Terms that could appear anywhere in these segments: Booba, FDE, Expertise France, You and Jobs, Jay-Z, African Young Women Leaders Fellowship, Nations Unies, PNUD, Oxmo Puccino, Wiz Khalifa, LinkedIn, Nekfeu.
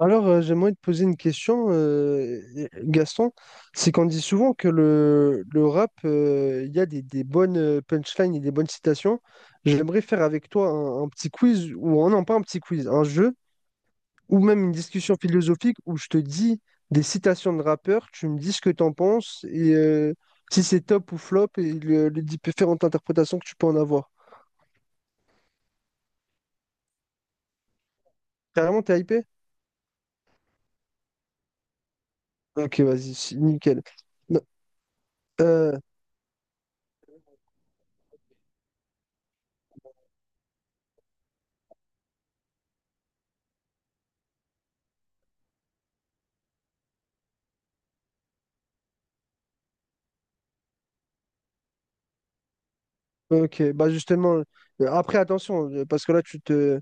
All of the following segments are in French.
J'aimerais te poser une question, Gaston. C'est qu'on dit souvent que le rap, il y a des bonnes punchlines et des bonnes citations. J'aimerais faire avec toi un petit quiz, ou pas un petit quiz, un jeu, ou même une discussion philosophique où je te dis des citations de rappeurs, tu me dis ce que tu en penses, et si c'est top ou flop, et les différentes interprétations que tu peux en avoir. Carrément, t'es hypé? Ok, vas-y, c'est nickel. Ok, bah justement, après attention, parce que là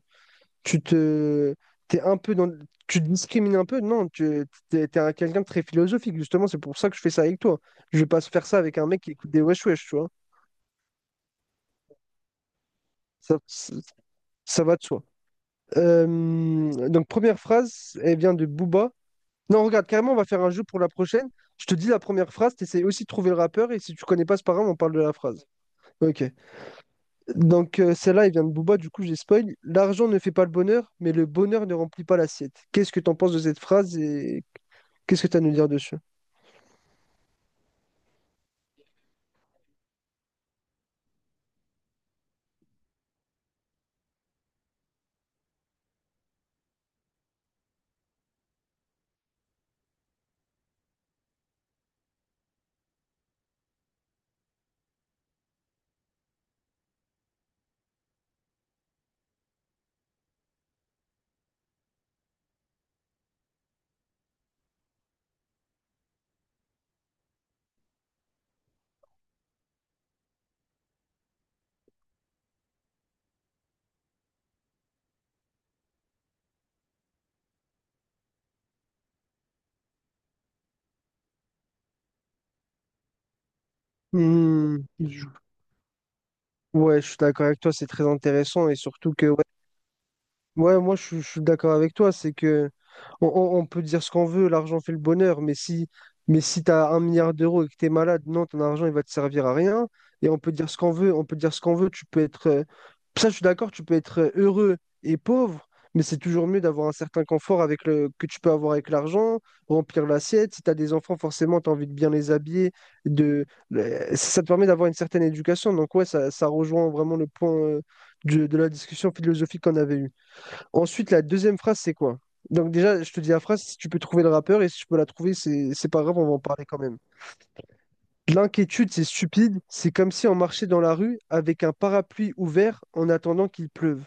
tu te, t'es un peu dans, tu te discrimines un peu, non, t'es quelqu'un de très philosophique, justement, c'est pour ça que je fais ça avec toi. Je vais pas se faire ça avec un mec qui écoute des wesh wesh, tu vois. Ça, ça, ça va de soi. Euh, donc première phrase, elle vient de Booba. Non, regarde, carrément, on va faire un jeu pour la prochaine. Je te dis la première phrase, t'essayes aussi de trouver le rappeur, et si tu connais pas, c'est pas grave, on parle de la phrase. Ok. Donc, celle-là, elle vient de Booba, du coup, j'ai spoil. L'argent ne fait pas le bonheur, mais le bonheur ne remplit pas l'assiette. Qu'est-ce que t'en penses de cette phrase et qu'est-ce que tu as à nous dire dessus? Hmm, je- Ouais, je suis d'accord avec toi, c'est très intéressant et surtout que ouais, Ouais, moi je suis d'accord avec toi, c'est que on peut dire ce qu'on veut, l'argent fait le bonheur, mais si t'as un milliard d'euros et que t'es malade, non, ton argent il va te servir à rien. Et on peut dire ce qu'on veut, on peut dire ce qu'on veut, tu peux être ça je suis d'accord, tu peux être heureux et pauvre, mais c'est toujours mieux d'avoir un certain confort avec le que tu peux avoir avec l'argent, remplir l'assiette. Si t'as des enfants, forcément t'as envie de bien les habiller, de ça te permet d'avoir une certaine éducation. Donc ouais, ça rejoint vraiment le point de la discussion philosophique qu'on avait eue. Ensuite, la deuxième phrase, c'est quoi? Donc déjà, je te dis la phrase, si tu peux trouver le rappeur, et si tu peux la trouver, c'est pas grave, on va en parler quand même. L'inquiétude, c'est stupide, c'est comme si on marchait dans la rue avec un parapluie ouvert en attendant qu'il pleuve.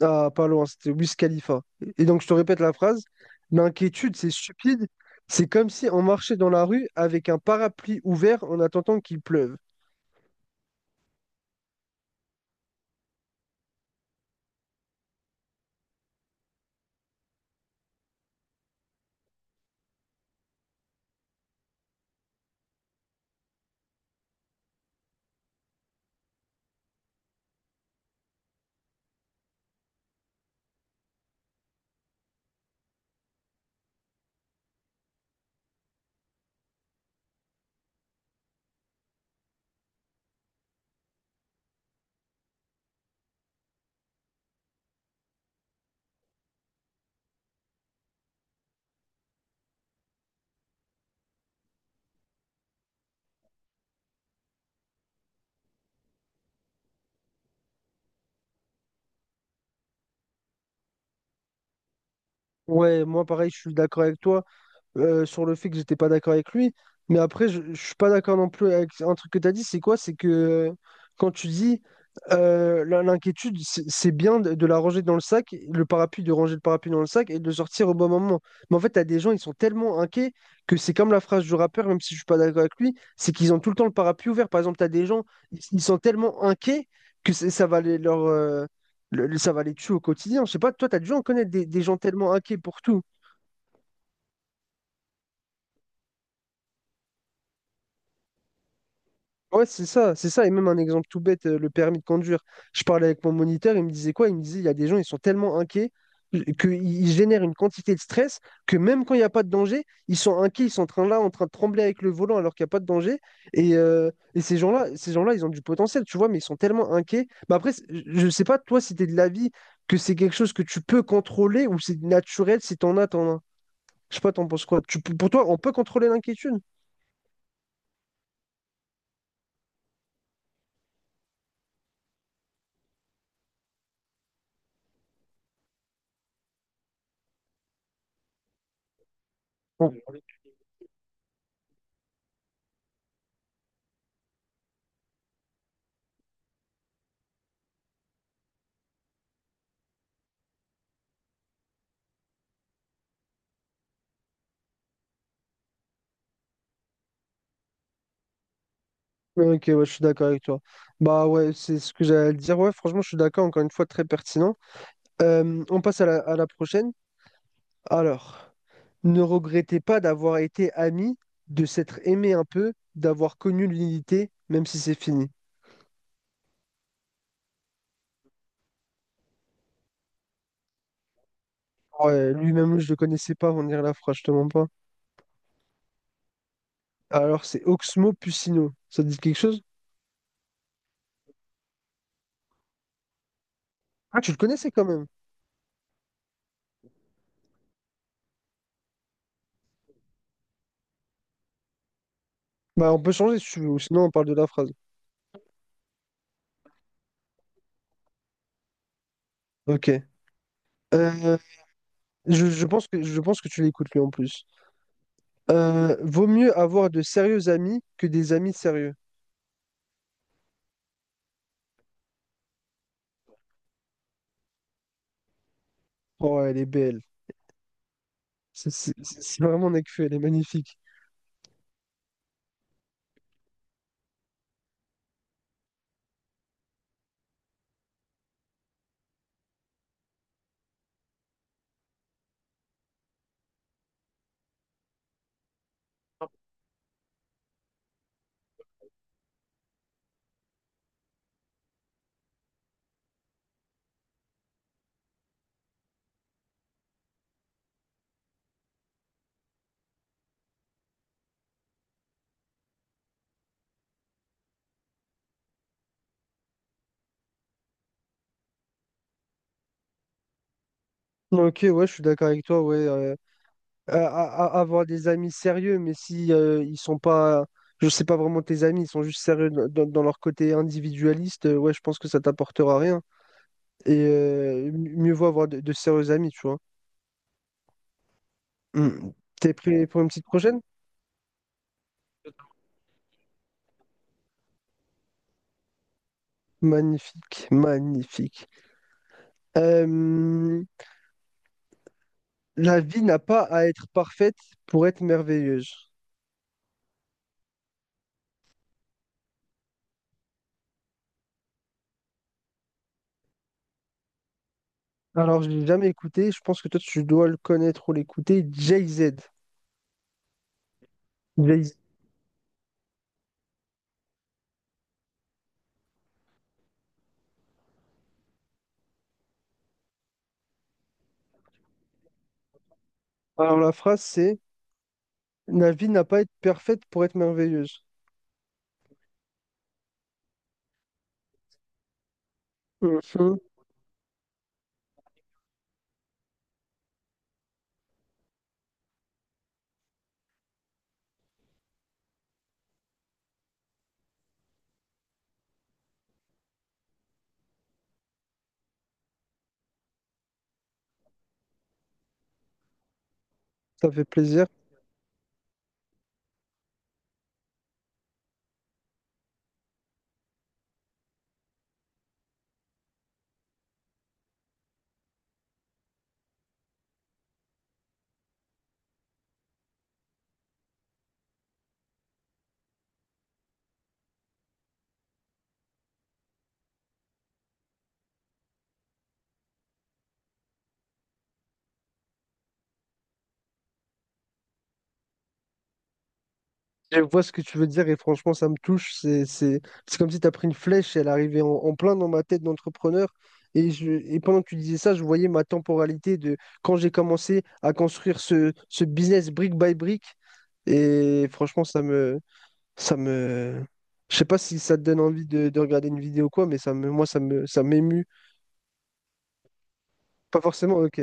Ah, pas loin, c'était Wiz Khalifa. Et donc, je te répète la phrase, l'inquiétude, c'est stupide, c'est comme si on marchait dans la rue avec un parapluie ouvert en attendant qu'il pleuve. Ouais, moi pareil, je suis d'accord avec toi. Sur le fait que j'étais pas d'accord avec lui. Mais après, je suis pas d'accord non plus avec un truc que tu as dit, c'est quoi? C'est que quand tu dis l'inquiétude, c'est bien de la ranger dans le sac, le parapluie, de ranger le parapluie dans le sac et de le sortir au bon moment. Mais en fait, tu as des gens, ils sont tellement inquiets que c'est comme la phrase du rappeur, même si je suis pas d'accord avec lui, c'est qu'ils ont tout le temps le parapluie ouvert. Par exemple, tu as des gens, ils sont tellement inquiets que ça va les, leur, le- ça va les tuer au quotidien. Je sais pas, toi, tu as dû en connaître des gens tellement inquiets pour tout. Ouais, c'est ça. Et même un exemple tout bête, le permis de conduire. Je parlais avec mon moniteur, il me disait quoi? Il me disait, il y a des gens, ils sont tellement inquiets qu'ils génèrent une quantité de stress que même quand il n'y a pas de danger, ils sont inquiets, ils sont en train là, en train de trembler avec le volant alors qu'il n'y a pas de danger. Et ces gens-là, ils ont du potentiel, tu vois, mais ils sont tellement inquiets. Bah après, je ne sais pas, toi, si tu es de l'avis que c'est quelque chose que tu peux contrôler ou c'est naturel, si t'en as. Je sais pas, t'en penses quoi? Pour toi, on peut contrôler l'inquiétude? Ok, ouais, je suis d'accord avec toi. Bah ouais, c'est ce que j'allais dire. Ouais, franchement, je suis d'accord, encore une fois, très pertinent. On passe à à la prochaine. Alors, ne regrettez pas d'avoir été ami, de s'être aimé un peu, d'avoir connu l'unité, même si c'est fini. Ouais, lui-même, je le connaissais pas, on dirait la phrase, je te mens pas. Alors, c'est Oxmo Puccino. Ça te dit quelque chose? Ah, tu le connaissais quand même. Bah, on peut changer si tu veux, ou sinon on parle de la phrase. Ok. Euh, je pense que tu l'écoutes lui en plus. Vaut mieux avoir de sérieux amis que des amis sérieux. Oh, elle est belle. C'est vraiment Nekfeu, elle est magnifique. Ok, ouais, je suis d'accord avec toi. Ouais, avoir des amis sérieux, mais si ils sont pas, je sais pas vraiment tes amis, ils sont juste sérieux dans, dans leur côté individualiste, ouais, je pense que ça t'apportera rien. Et mieux vaut avoir de sérieux amis, tu vois. Hmm. T'es prêt pour une petite prochaine? Magnifique, magnifique. Euh, la vie n'a pas à être parfaite pour être merveilleuse. Alors, je l'ai jamais écouté, je pense que toi, tu dois le connaître ou l'écouter, Jay-Z. Jay-Z. Alors, la phrase, c'est la vie n'a pas à être parfaite pour être merveilleuse. Mhm. Ça fait plaisir. Je vois ce que tu veux dire et franchement, ça me touche. C'est comme si tu as pris une flèche et elle arrivait en plein dans ma tête d'entrepreneur. Et, et pendant que tu disais ça, je voyais ma temporalité de quand j'ai commencé à construire ce business brique by brique. Et franchement, ça me, je sais pas si ça te donne envie de regarder une vidéo ou quoi, mais moi, ça m'émue. Pas forcément, ok.